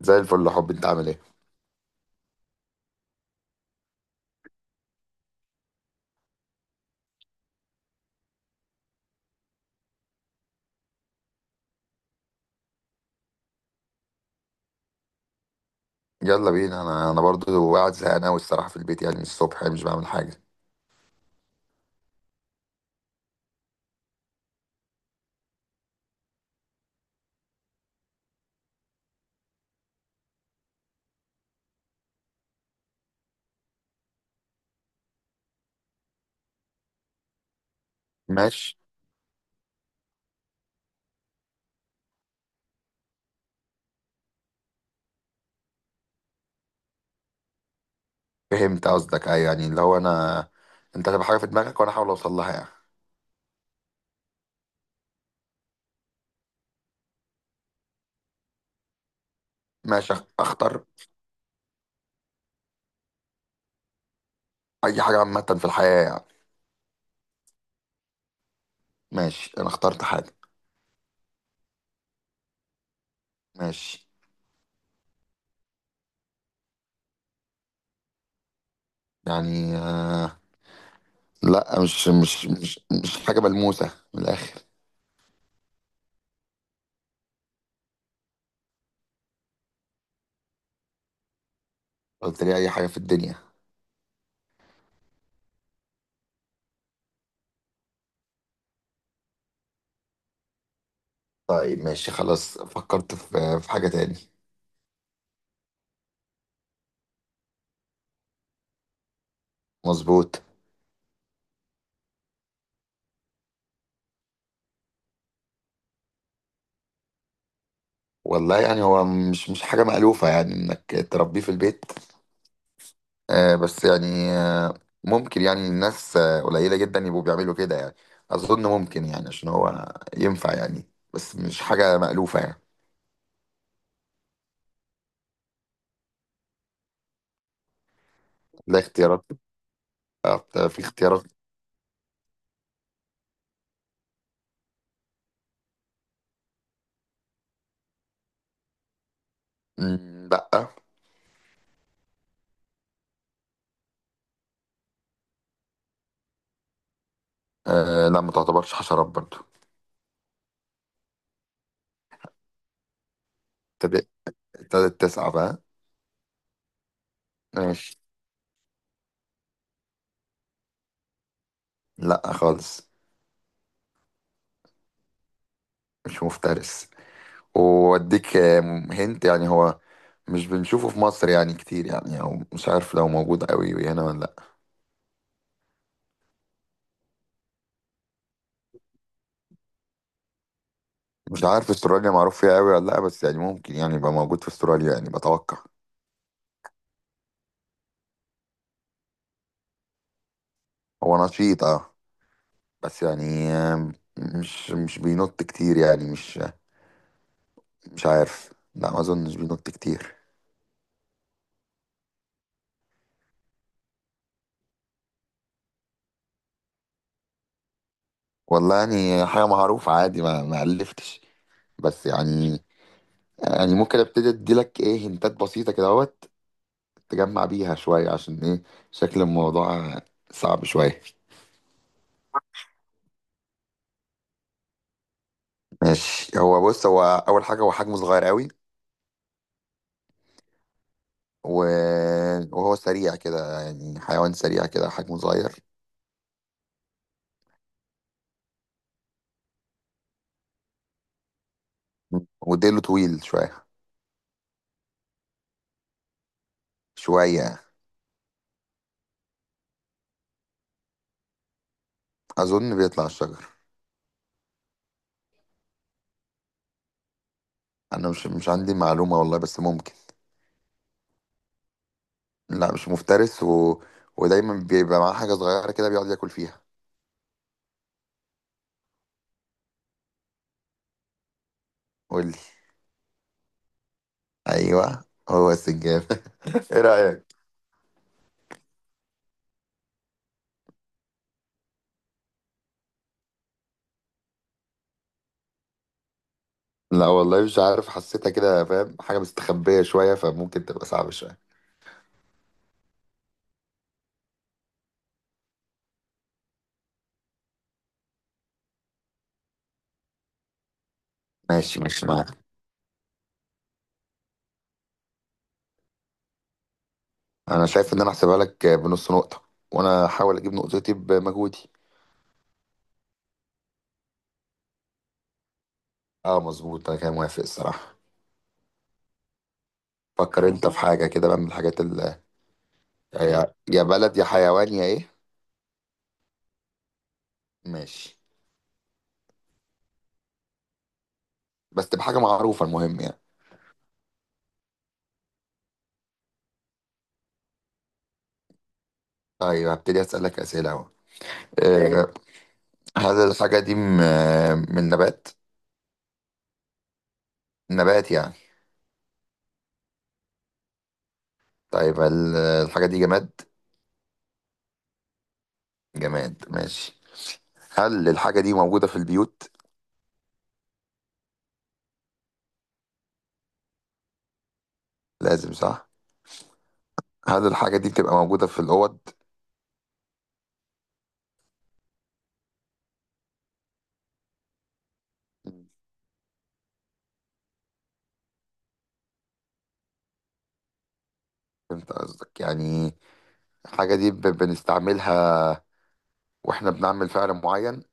زي الفل يا حبي، انت عامل ايه؟ يلا بينا. انا برضو قاعد زهقان قوي الصراحه في البيت، يعني من الصبح يعني مش بعمل حاجه. ماشي. فهمت قصدك، ايوه، يعني اللي هو انا، انت هتبقى حاجه في دماغك وانا احاول اوصل لها يعني. ماشي. اختار. اي حاجه عامه في الحياه يعني؟ ماشي، انا اخترت حاجه. ماشي. يعني لا، مش حاجه ملموسه من الاخر. قلت لي اي حاجه في الدنيا. طيب ماشي، خلاص فكرت في حاجه تاني. مظبوط. والله يعني هو مش حاجة مألوفة يعني إنك تربيه في البيت. بس يعني ممكن يعني الناس قليلة جدا يبقوا بيعملوا كده يعني. أظن ممكن يعني عشان هو ينفع يعني، بس مش حاجة مألوفة يعني. لا، اختيارات. آه، في اختيارات. مم، لأ. آه، لا، ما تعتبرش حشرات برضو. ابتدت ابتدت تسعى بقى. ماشي. لأ خالص، مش مفترس. وأديك هنت يعني، هو مش بنشوفه في مصر يعني كتير يعني، أو مش عارف لو موجود قوي هنا ولا. مش عارف استراليا معروف فيها قوي ولا لا، بس يعني ممكن يعني يبقى موجود في استراليا يعني بتوقع. هو نشيط اه، بس يعني مش بينط كتير يعني، مش عارف، لا، ما اظنش بينط كتير. والله يعني حاجة معروفة عادي، ما ألفتش. بس يعني ممكن ابتدي اديلك ايه هنتات بسيطة كده اهوت تجمع بيها شوية عشان ايه، شكل الموضوع صعب شوية. ماشي، هو بص، هو أول حاجة هو حجمه صغير قوي و... وهو سريع كده يعني، حيوان سريع كده حجمه صغير، وديله طويل شوية، شوية. أظن بيطلع الشجر. أنا مش عندي معلومة والله، بس ممكن. لا، مش مفترس، ودايما بيبقى معاه حاجة صغيرة كده بيقعد ياكل فيها. قولي. أيوه، هو السنجاب إيه رأيك؟ لا والله مش عارف، حسيتها كده، فاهم حاجة مستخبية شوية فممكن تبقى صعبة شوية. ماشي، ماشي معاك. أنا شايف إن أنا أحسبها لك بنص نقطة، وأنا هحاول أجيب نقطتي بمجهودي. اه مظبوط، انا كان موافق الصراحه. فكر انت في خلصان حاجه كده بقى من الحاجات اللي يا بلد يا حيوان يا ايه. ماشي، بس تبقى حاجه معروفه المهم يعني. طيب، هبتدي اسالك اسئله اهو. آه، هل الحاجه دي من نبات؟ نبات يعني؟ طيب، هل الحاجه دي جماد؟ جماد، ماشي. هل الحاجه دي موجوده في البيوت؟ لازم صح. هل الحاجه دي بتبقى موجوده في الاوض؟ فهمت قصدك، يعني الحاجه دي بنستعملها واحنا بنعمل فعل معين؟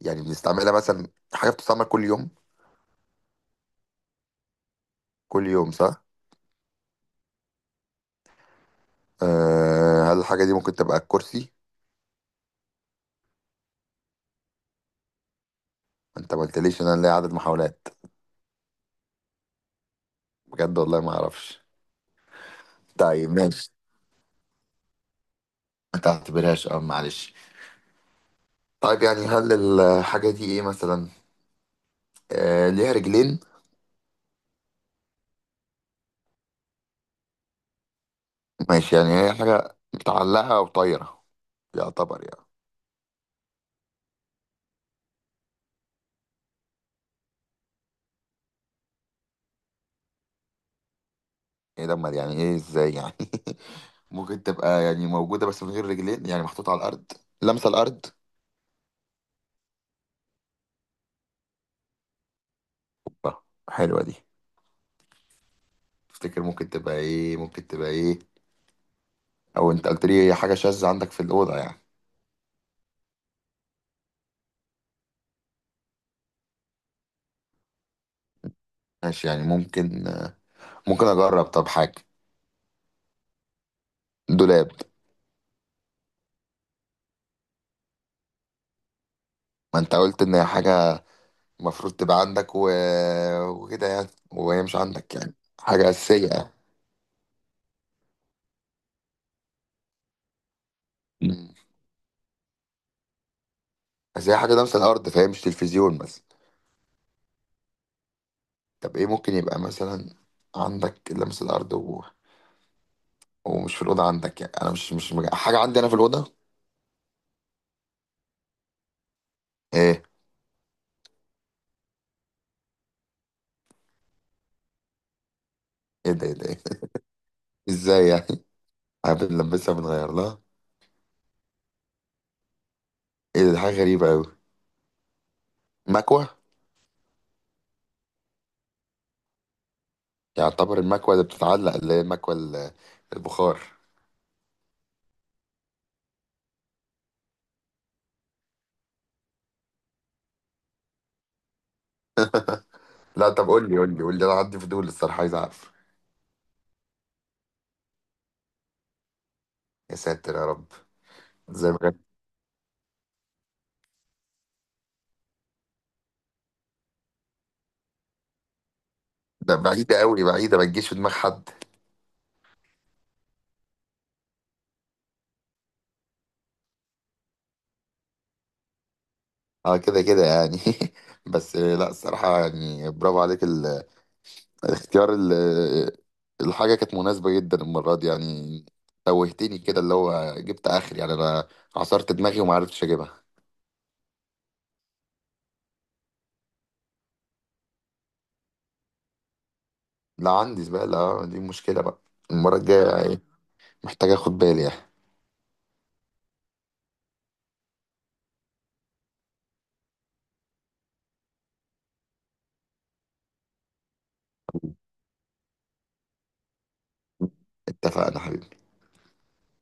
يعني بنستعملها مثلا، حاجة بتستعمل كل يوم؟ كل يوم صح؟ أه، هل الحاجة دي ممكن تبقى الكرسي؟ انت ما قلتليش ان انا ليا عدد محاولات. بجد والله ما اعرفش. طيب ماشي. ما تعتبرهاش، معلش. طيب يعني، هل الحاجة دي ايه مثلا؟ أه، ليها رجلين؟ ماشي، يعني هي حاجة متعلقة او طايرة يعتبر يعني. ايه ده، أمال يعني ايه؟ ازاي يعني؟ ممكن تبقى يعني موجودة بس من غير رجلين، يعني محطوطة على الأرض، لمسة الأرض. آه، حلوة دي. تفتكر ممكن تبقى ايه، ممكن تبقى ايه؟ او انت قلت لي هي حاجه شاذه عندك في الاوضه يعني. ماشي، يعني ممكن، ممكن اجرب، طب حاجه. دولاب. ما انت قلت ان هي حاجه المفروض تبقى عندك وكده يعني، وهي مش عندك يعني حاجه اساسيه يعني. مم. بس هي حاجه لمس الارض، فهي مش تلفزيون مثلا. طب ايه ممكن يبقى مثلا؟ عندك لمس الارض ومش في الاوضه عندك، يعني انا مش حاجه عندي انا في الاوضه. ايه؟ ايه ده، ايه ده، إيه ده؟ ازاي يعني؟ عارف نلبسها بنغير لها؟ ايه ده، دي حاجه غريبه قوي. مكوه. يعتبر المكوة اللي بتتعلق، اللي هي المكوة البخار. لا، طب قول لي قول لي قول لي، انا عندي فضول الصراحة عايز اعرف. يا ساتر يا رب. زي ما كان- ده بعيدة قوي، بعيدة، ما تجيش في دماغ حد. اه كده كده يعني بس لا، الصراحة يعني برافو عليك الاختيار الحاجة كانت مناسبة جدا المرة دي يعني. توهتني كده، اللي هو جبت اخر يعني انا عصرت دماغي وما عرفتش اجيبها. لا، عندي زبالة، دي مشكلة بقى المرة الجاية يعني، محتاج اخد بالي يعني. اتفقنا حبيبي.